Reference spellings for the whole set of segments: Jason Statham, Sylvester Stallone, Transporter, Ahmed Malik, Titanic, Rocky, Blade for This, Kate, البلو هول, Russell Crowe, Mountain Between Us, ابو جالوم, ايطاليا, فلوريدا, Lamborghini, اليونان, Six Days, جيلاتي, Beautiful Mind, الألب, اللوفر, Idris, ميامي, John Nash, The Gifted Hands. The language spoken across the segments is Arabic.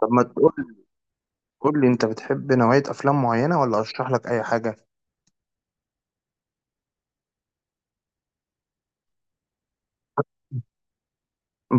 طب، ما تقول؟ قول لي، انت بتحب نوعية افلام معينة ولا اشرح لك اي حاجة؟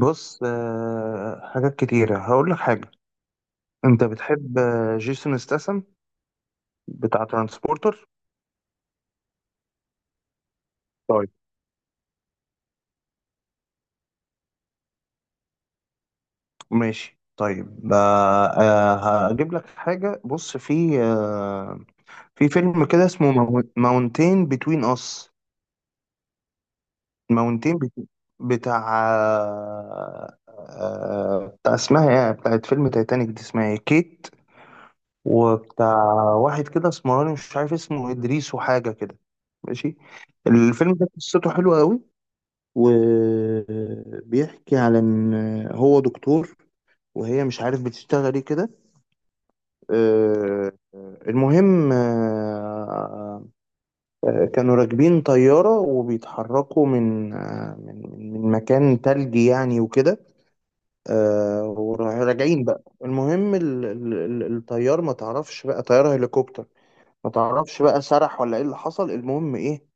بص، حاجات كتيرة. هقول لك حاجة. انت بتحب جيسون ستاثام، بتاع ترانسبورتر؟ طيب ماشي طيب. هجيب لك حاجة. بص، في فيلم كده اسمه ماونتين بتوين اس. ماونتين، بتاع بتاع اسمها ايه بتاعت فيلم تايتانيك دي؟ اسمها ايه، كيت. وبتاع واحد كده اسمراني، مش عارف اسمه، إدريس وحاجة كده. ماشي. الفيلم ده قصته حلوة قوي، وبيحكي على إن هو دكتور وهي مش عارف بتشتغل إيه كده. آه، المهم، كانوا راكبين طيارة وبيتحركوا من من مكان تلجي يعني وكده. وراجعين بقى. المهم الطيار، ما تعرفش بقى، طيارة هليكوبتر. ما تعرفش بقى، سرح ولا ايه اللي حصل، المهم ايه،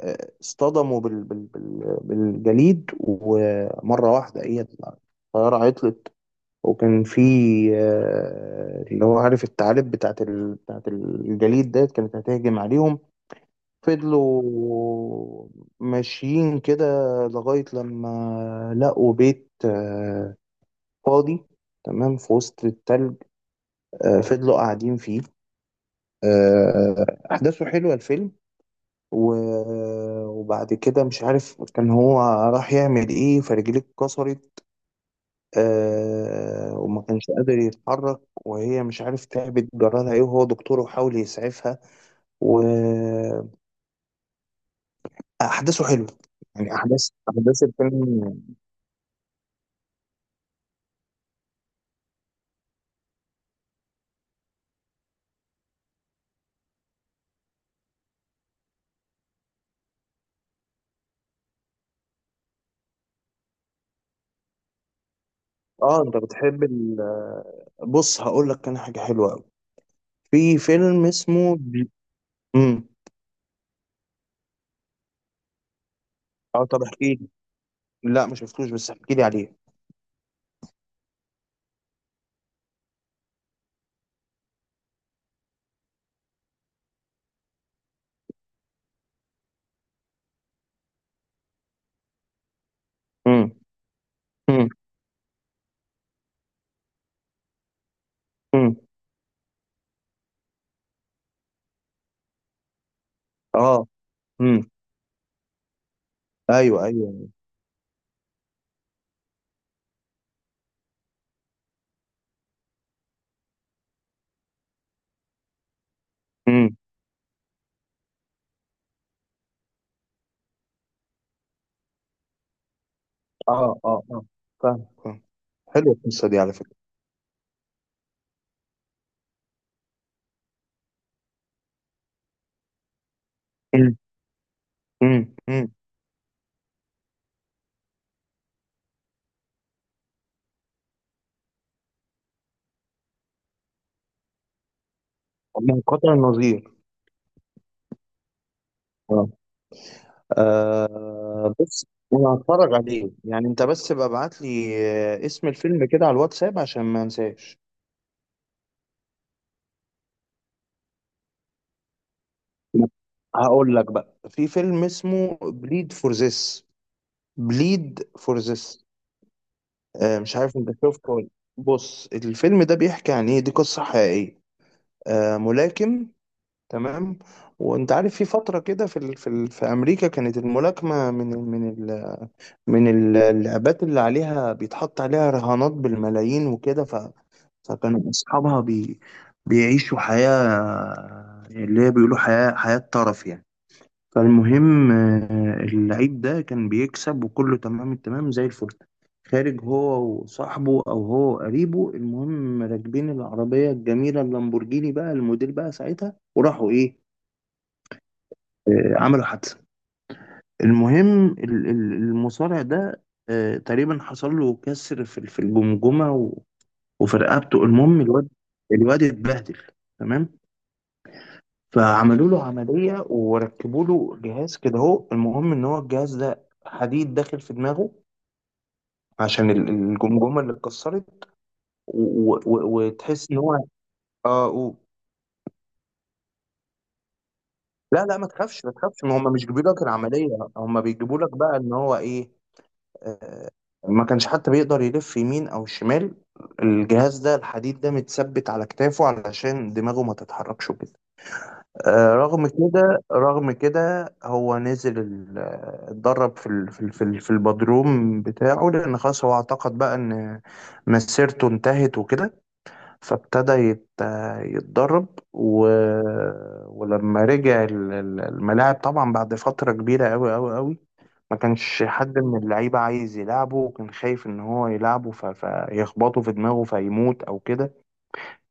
اصطدموا بالجليد، ومرة واحدة ايه، الطيارة عطلت. وكان في اللي هو، عارف الثعالب بتاعت بتاعت الجليد ديت، كانت هتهجم عليهم. فضلوا ماشيين كده لغاية لما لقوا بيت فاضي، تمام، في وسط التلج. فضلوا قاعدين فيه. أحداثه حلوة الفيلم. وبعد كده مش عارف، كان هو راح يعمل ايه، فرجليه اتكسرت وما كانش قادر يتحرك. وهي مش عارف تعبت، جرالها ايه، وهو دكتور وحاول يسعفها. واحداثه حلوه يعني. احداث الفيلم. اه، انت بتحب بص، هقول لك انا حاجه حلوه قوي. في فيلم اسمه امم. اه، طب احكي لي. لا ما شفتوش، بس احكي لي عليه. امم. امم. امم. اه. امم. ايوه، ايوه. اه، اه، اه، فاهم، فاهم. حلوه القصه دي على فكره. امم. امم. امم. من قطع النظير. اه. بص، انا هتفرج عليه يعني، انت بس بقى ابعت لي اسم الفيلم كده على الواتساب عشان ما انساش. هقول لك بقى، في فيلم اسمه بليد فور ذس. بليد فور ذس. مش عارف انت شفته ولا لأ. بص، الفيلم ده بيحكي عن ايه؟ دي قصة حقيقية. ملاكم، تمام. وانت عارف في فتره كده، في في امريكا، كانت الملاكمه من ال- اللعبات اللي عليها بيتحط عليها رهانات بالملايين وكده. فكانوا اصحابها بيعيشوا حياه، اللي هي بيقولوا، حياه طرف يعني. فالمهم اللعيب ده كان بيكسب، وكله تمام التمام، زي الفل. خارج هو وصاحبه، او هو قريبه، المهم راكبين العربيه الجميله، اللامبورجيني بقى، الموديل بقى ساعتها، وراحوا ايه، عملوا حادثة. المهم المصارع ده، تقريبا حصل له كسر في الجمجمة وفي رقبته. المهم الواد، اتبهدل، تمام. فعملوا له عملية وركبوا له جهاز كده اهو. المهم ان هو الجهاز ده حديد داخل في دماغه عشان الجمجمة اللي اتكسرت. وتحس ان هو، اه، لا، لا، ما تخافش، ما تخافش، ما هم مش بيجيبوا لك العملية، هم بيجيبوا لك بقى ان هو ايه. آه، ما كانش حتى بيقدر يلف يمين او شمال. الجهاز ده الحديد ده متثبت على كتافه علشان دماغه ما تتحركش وكده. رغم كده، رغم كده، هو نزل اتدرب في في البدروم بتاعه، لان خلاص هو اعتقد بقى ان مسيرته انتهت وكده. فابتدى يتدرب. و... ولما رجع الملاعب، طبعا بعد فترة كبيرة قوي قوي قوي، ما كانش حد من اللعيبة عايز يلعبه، وكان خايف إن هو يلعبه فيخبطه في دماغه فيموت أو كده.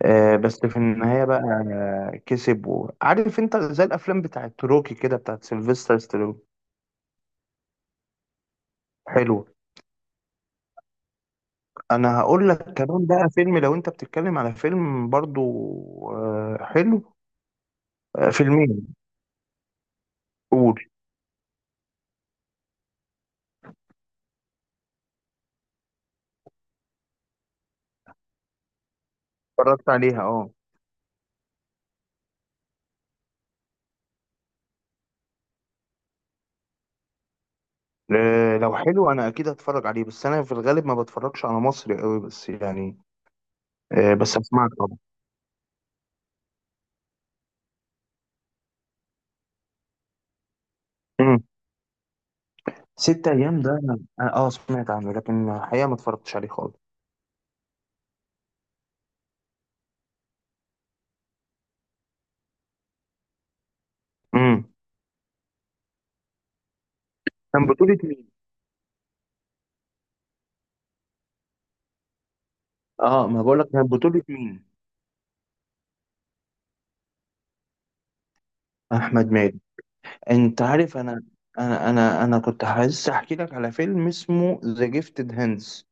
بس في النهاية بقى كسب. عارف أنت، زي الأفلام بتاعت روكي كده، بتاعت سيلفستر ستالون. حلو. أنا هقول لك كمان بقى فيلم، لو أنت بتتكلم على فيلم برضو حلو. فيلمين. قول. اتفرجت عليها، اه. لو حلو أنا أكيد هتفرج عليه، بس أنا في الغالب ما بتفرجش على مصري قوي، بس يعني بس أسمعك طبعا. ست ايام ده اه سمعت عنه، لكن الحقيقه ما اتفرجتش عليه خالص. امم. كان بطولة مين؟ اه، ما بقول لك، كان بطولة مين؟ احمد مالك. انت عارف، انا، انا كنت عايز احكي لك على فيلم اسمه ذا جيفتد هاندز.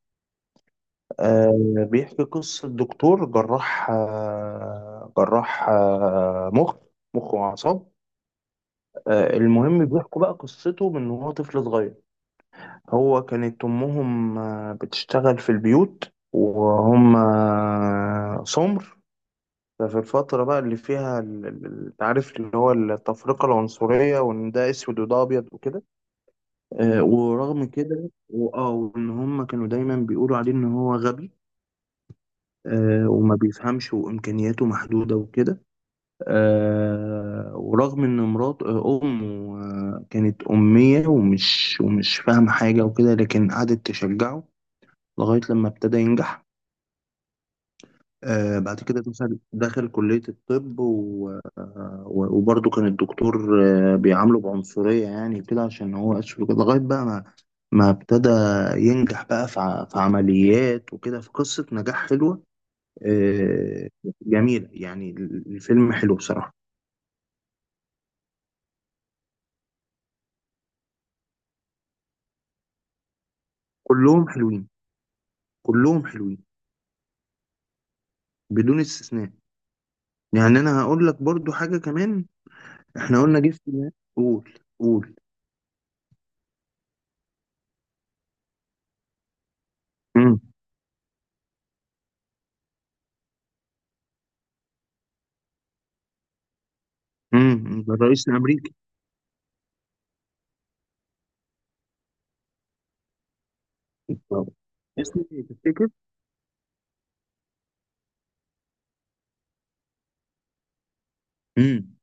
آه، بيحكي قصة دكتور جراح، آه جراح، آه مخ، مخ وأعصاب. آه، المهم بيحكوا بقى قصته من وهو طفل صغير. هو كانت أمهم بتشتغل في البيوت، وهم سمر. ففي الفترة بقى اللي فيها انت عارف اللي هو التفرقة العنصرية، وإن ده أسود وده أبيض وكده. ورغم كده، وآه، وإن هم كانوا دايما بيقولوا عليه إن هو غبي وما بيفهمش، وإمكانياته محدودة وكده. ورغم إن مرات أمه كانت أمية، ومش فاهمة حاجة وكده، لكن قعدت تشجعه لغاية لما ابتدى ينجح. آه، بعد كده دخل، كلية الطب، وبرضه كان الدكتور آه بيعامله بعنصرية يعني كده عشان هو أسود وكده، لغاية بقى ما ابتدى ينجح بقى في في عمليات وكده، في قصة نجاح حلوة آه، جميلة، يعني الفيلم حلو بصراحة. كلهم حلوين، كلهم حلوين، بدون استثناء. يعني أنا هقول لك برضه حاجة كمان. احنا قلنا جيش قول، قول. امم. امم. الرئيس الأمريكي اسمه ايه تفتكر؟ امم.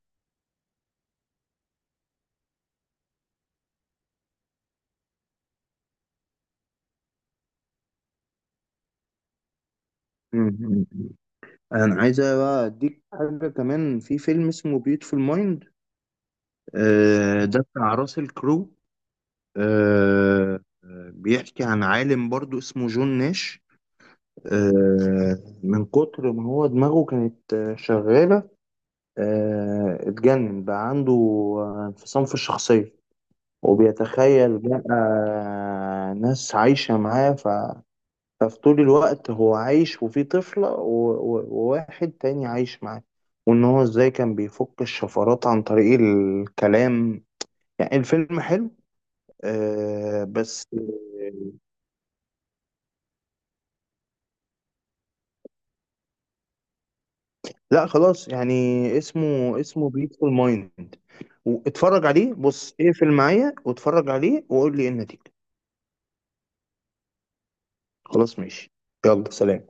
امم. انا عايز بقى اديك حاجه كمان، في فيلم اسمه بيوتفul مايند. آه، ده بتاع راسل كرو. بيحكي عن عالم برضو اسمه جون ناش. آه، من كتر ما هو دماغه كانت شغاله، اتجنن بقى. عنده انفصام في الشخصيه، وبيتخيل بقى ناس عايشه معاه. ففي طول الوقت هو عايش، وفي طفلة وواحد تاني عايش معاه، وإن هو إزاي كان بيفك الشفرات عن طريق الكلام. يعني الفيلم حلو آه، بس. لا، خلاص يعني. اسمه، بيوتفul مايند. واتفرج عليه. بص، اقفل معايا واتفرج عليه وقول لي ايه النتيجة. خلاص ماشي. يلا سلام.